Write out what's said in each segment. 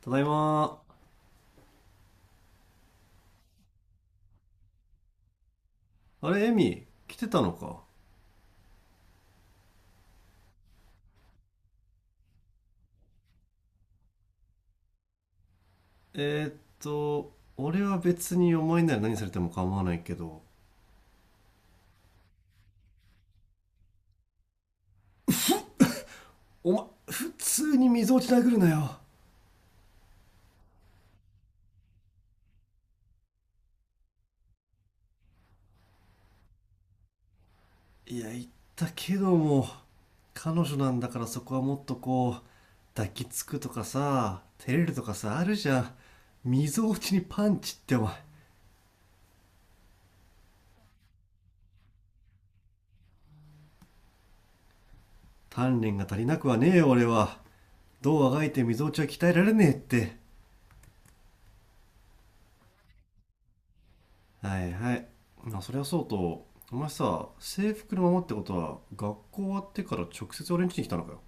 ただいま。あれ、エミ、来てたのか。えーっ俺は別にお前なら何されても構わないけど、お前、普通に溝落ち殴るなよ。いや、言ったけども、彼女なんだからそこはもっとこう、抱きつくとかさ、照れるとかさ、あるじゃん。溝落ちにパンチってお前、鍛錬が足りなくはねえよ、俺は。どうあがいて溝落ちは鍛えられねえって。はいはい。まあそれはそうと、お前さ、制服のままってことは学校終わってから直接俺ん家に来たのかよ。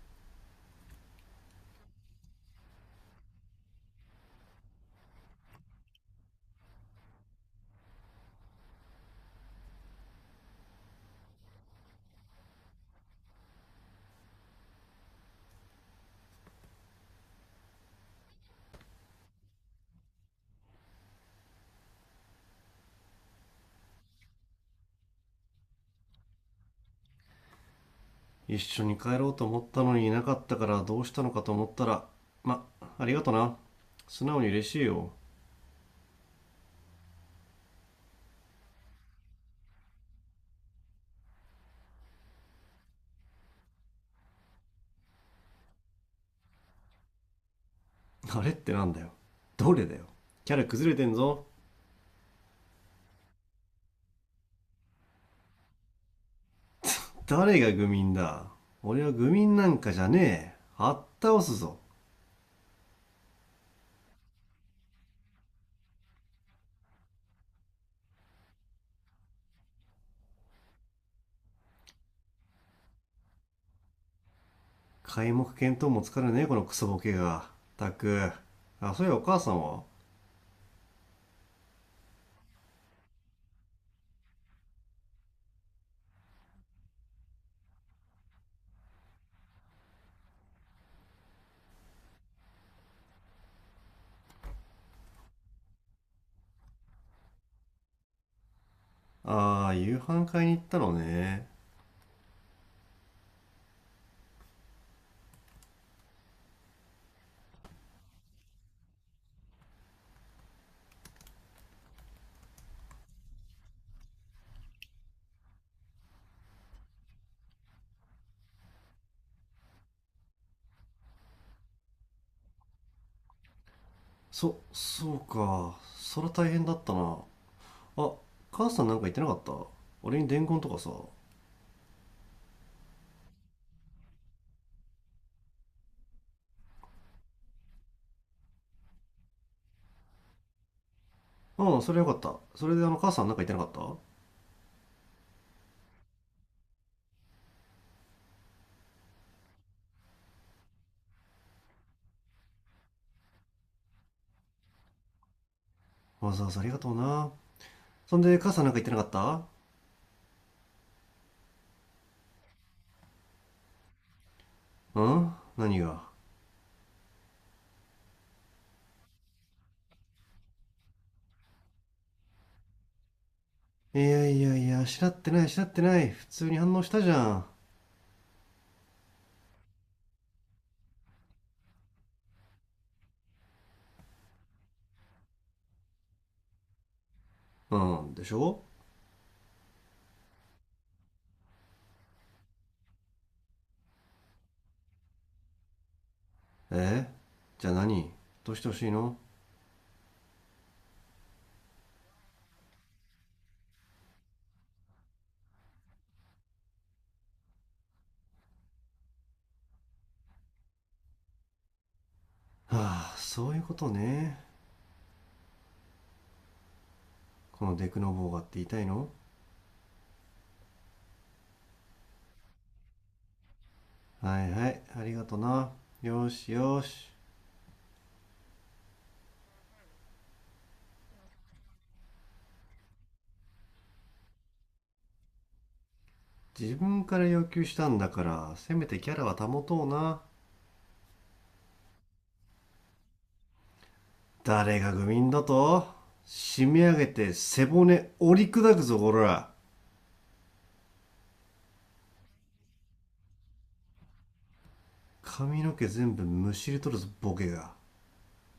一緒に帰ろうと思ったのにいなかったから、どうしたのかと思ったら。まありがとな。素直に嬉しいよ。あれってなんだよ。どれだよ。キャラ崩れてんぞ。誰が愚民だ。俺は愚民なんかじゃねえ、あったおすぞ。皆目見当もつかるね、このクソボケが。たく。あ、そういやお母さんは。ああー、夕飯買いに行ったのね。そうか。そら大変だったな。あ、母さんなんか言ってなかった、俺に伝言とかさ。うん、それよかった。それで、あの、母さんなんか言ってなかった。わざわざありがとうな。そんで母さんなんか言ってなかった。うん、何が。いやいやいや、知しらってない、知しらってない。普通に反応したじゃん。うん、でしょ。え、じゃあ何。どうしてほしいの。はあ、そういうことね。このデクノボーがって言いたいの。はいはい、ありがとな。よしよし。自分から要求したんだから、せめてキャラは保とうな。誰が愚民だと。締め上げて背骨折り砕くぞ、こら。髪の毛全部むしり取るぞ、ボケが。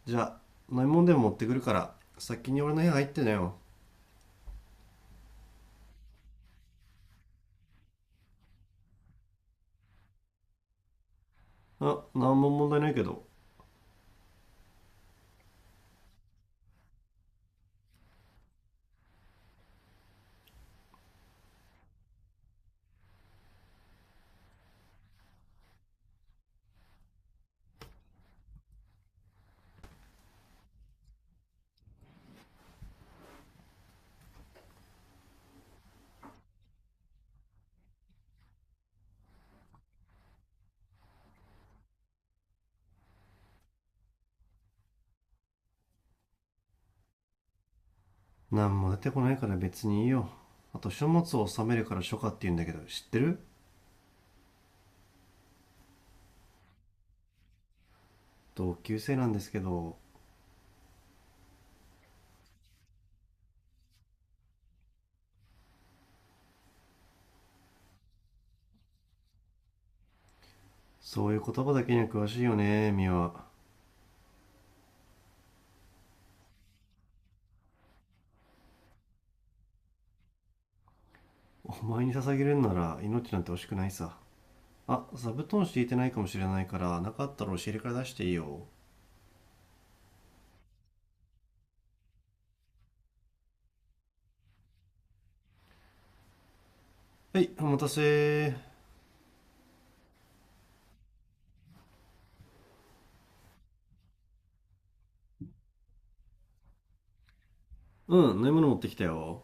じゃあ、飲み物でも持ってくるから、先に俺の部屋入ってなよ。あ、なんも問題ないけど。なんも出てこないから別にいいよ。あと、書物を収めるから書家って言うんだけど、知ってる？同級生なんですけど、そういう言葉だけには詳しいよね、ミワ。お前に捧げるんなら命なんて惜しくないさ。あ、座布団敷いてないかもしれないから、なかったら押し入れから出していいよ。はい、お待たせ。うん、飲み物持ってきたよ。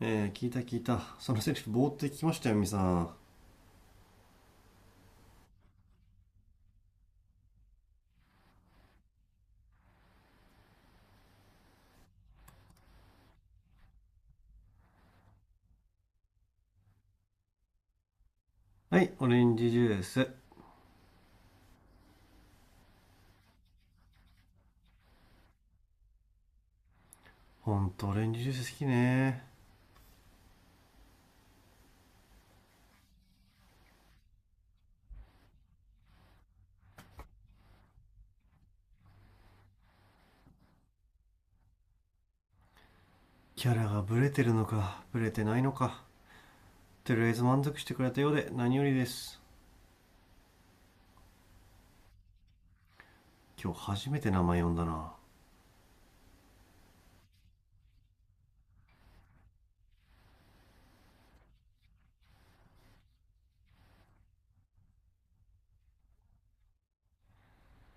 えー、聞いた聞いた。そのセリフ、ぼーって聞きましたよ、みさん。はい、オレンジジュース。ほんと、オレンジジュース好きね。キャラがブレてるのか、ブレてないのか。とりあえず満足してくれたようで何よりです。今日初めて名前呼んだな。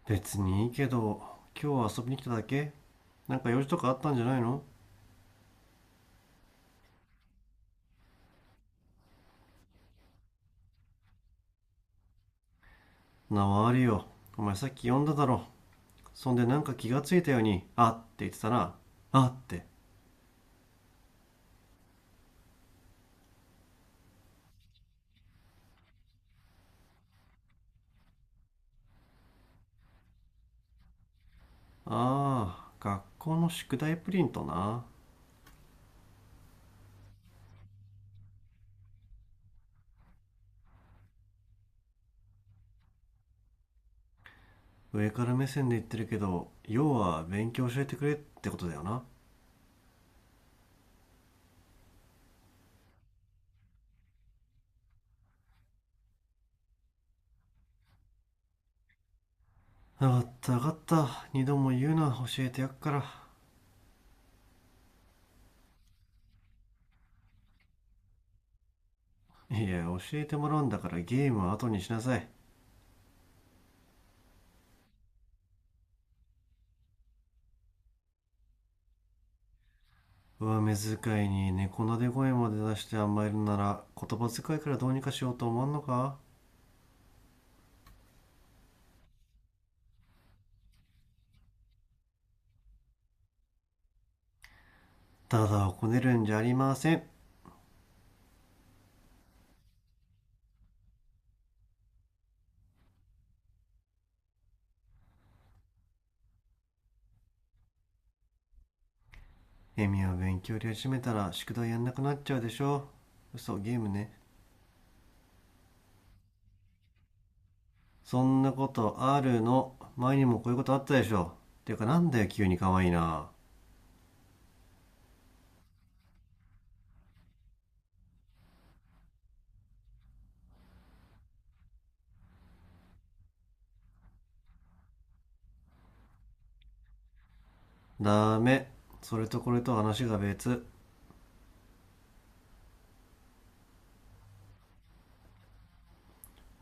別にいいけど、今日は遊びに来ただけ？なんか用事とかあったんじゃないの。なわあるよ。お前さっき呼んだだろ。そんでなんか気がついたように「あ」って言ってたな。「あ」って。ああ、学校の宿題プリントな。上から目線で言ってるけど、要は勉強教えてくれってことだよな。分かった分かった、二度も言うな、教えてやっから。いや、教えてもらうんだから、ゲームは後にしなさい。上目遣いに猫なで声まで出して甘えるなら、言葉遣いからどうにかしようと思わんのか。ただをこねるんじゃありません。エミは勉強やり始めたら宿題やんなくなっちゃうでしょ。嘘、ゲームね。そんなことあるの？前にもこういうことあったでしょ。ていうか、なんだよ急に可愛いな。ダメ。それとこれと話が別。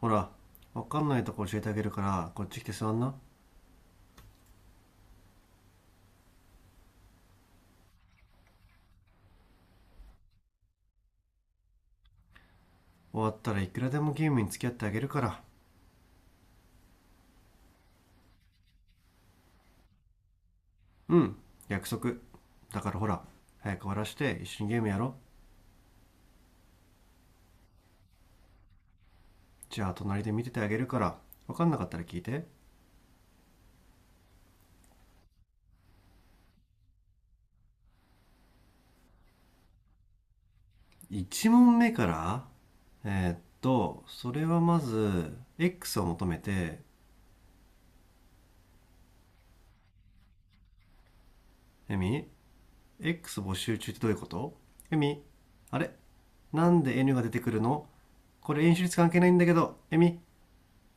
ほら、わかんないとこ教えてあげるから、こっち来て座んな。終わったらいくらでもゲームに付き合ってあげるから。うん、約束だから、ほら、早く終わらして一緒にゲームやろ。じゃあ、隣で見ててあげるから、わかんなかったら聞いて。1問目から。それはまず X を求めて。エミ、 X 募集中ってどういうこと。エミ、あれ、なんで N が出てくるの。これ演習率関係ないんだけど、エミ、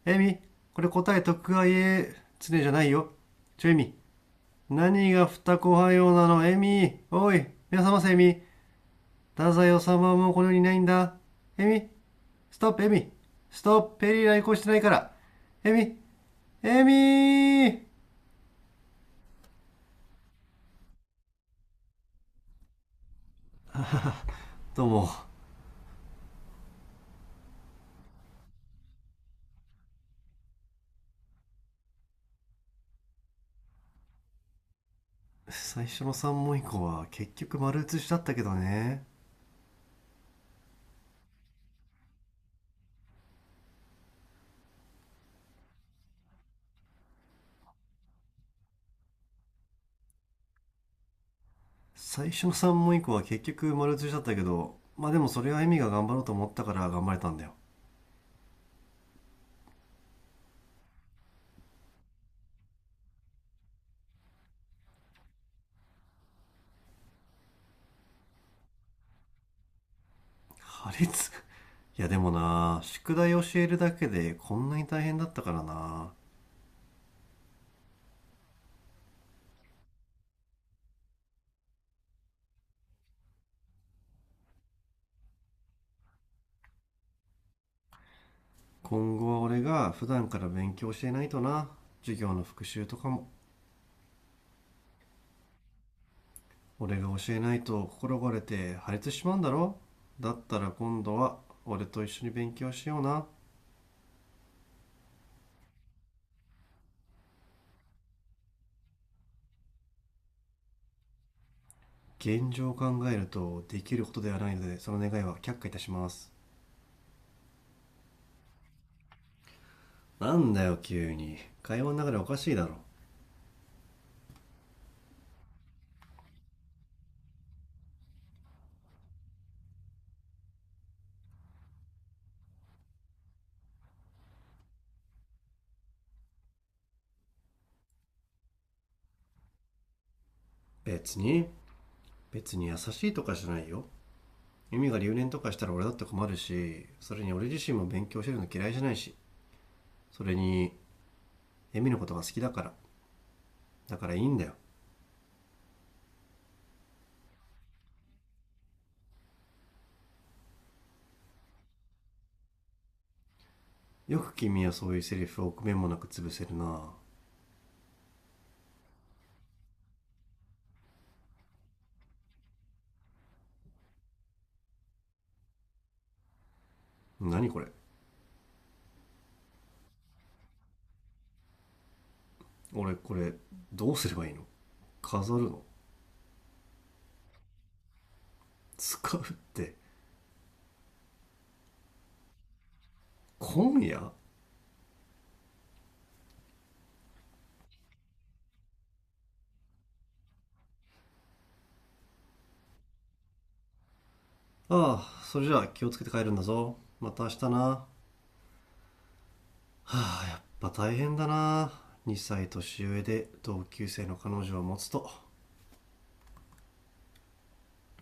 エミ、これ答え徳川家常じゃないよ。ちょ、エミ、何が二子派用なの、エミ、おい、皆様せ、エミ、太宰治もこの世にいないんだ、エミ、ストップ、エミ、ストップ、ペリー来航してないから、エミ、エミー。どうも。最初の3問以降は結局丸写しだったけどね。最初の3問以降は結局丸写しだったけど、まあでもそれはエミが頑張ろうと思ったから頑張れたんだよ。破裂。いやでもな、宿題教えるだけでこんなに大変だったからな。今後は俺が普段から勉強していないとな。授業の復習とかも。俺が教えないと心が折れて破裂しちまうんだろ。だったら今度は俺と一緒に勉強しような。現状を考えるとできることではないので、その願いは却下いたします。なんだよ急に。会話の中でおかしいだろ。別に、別に優しいとかじゃないよ。ユミが留年とかしたら俺だって困るし、それに俺自身も勉強してるの嫌いじゃないし、それにエミのことが好きだから、だからいいんだよ。よく君はそういうセリフを臆面もなく潰せるな。何これ。俺これどうすればいいの。飾るの。使うって。今夜。ああ、それじゃあ気をつけて帰るんだぞ。また明日な。はあ、まあ大変だな。2歳年上で同級生の彼女を持つと。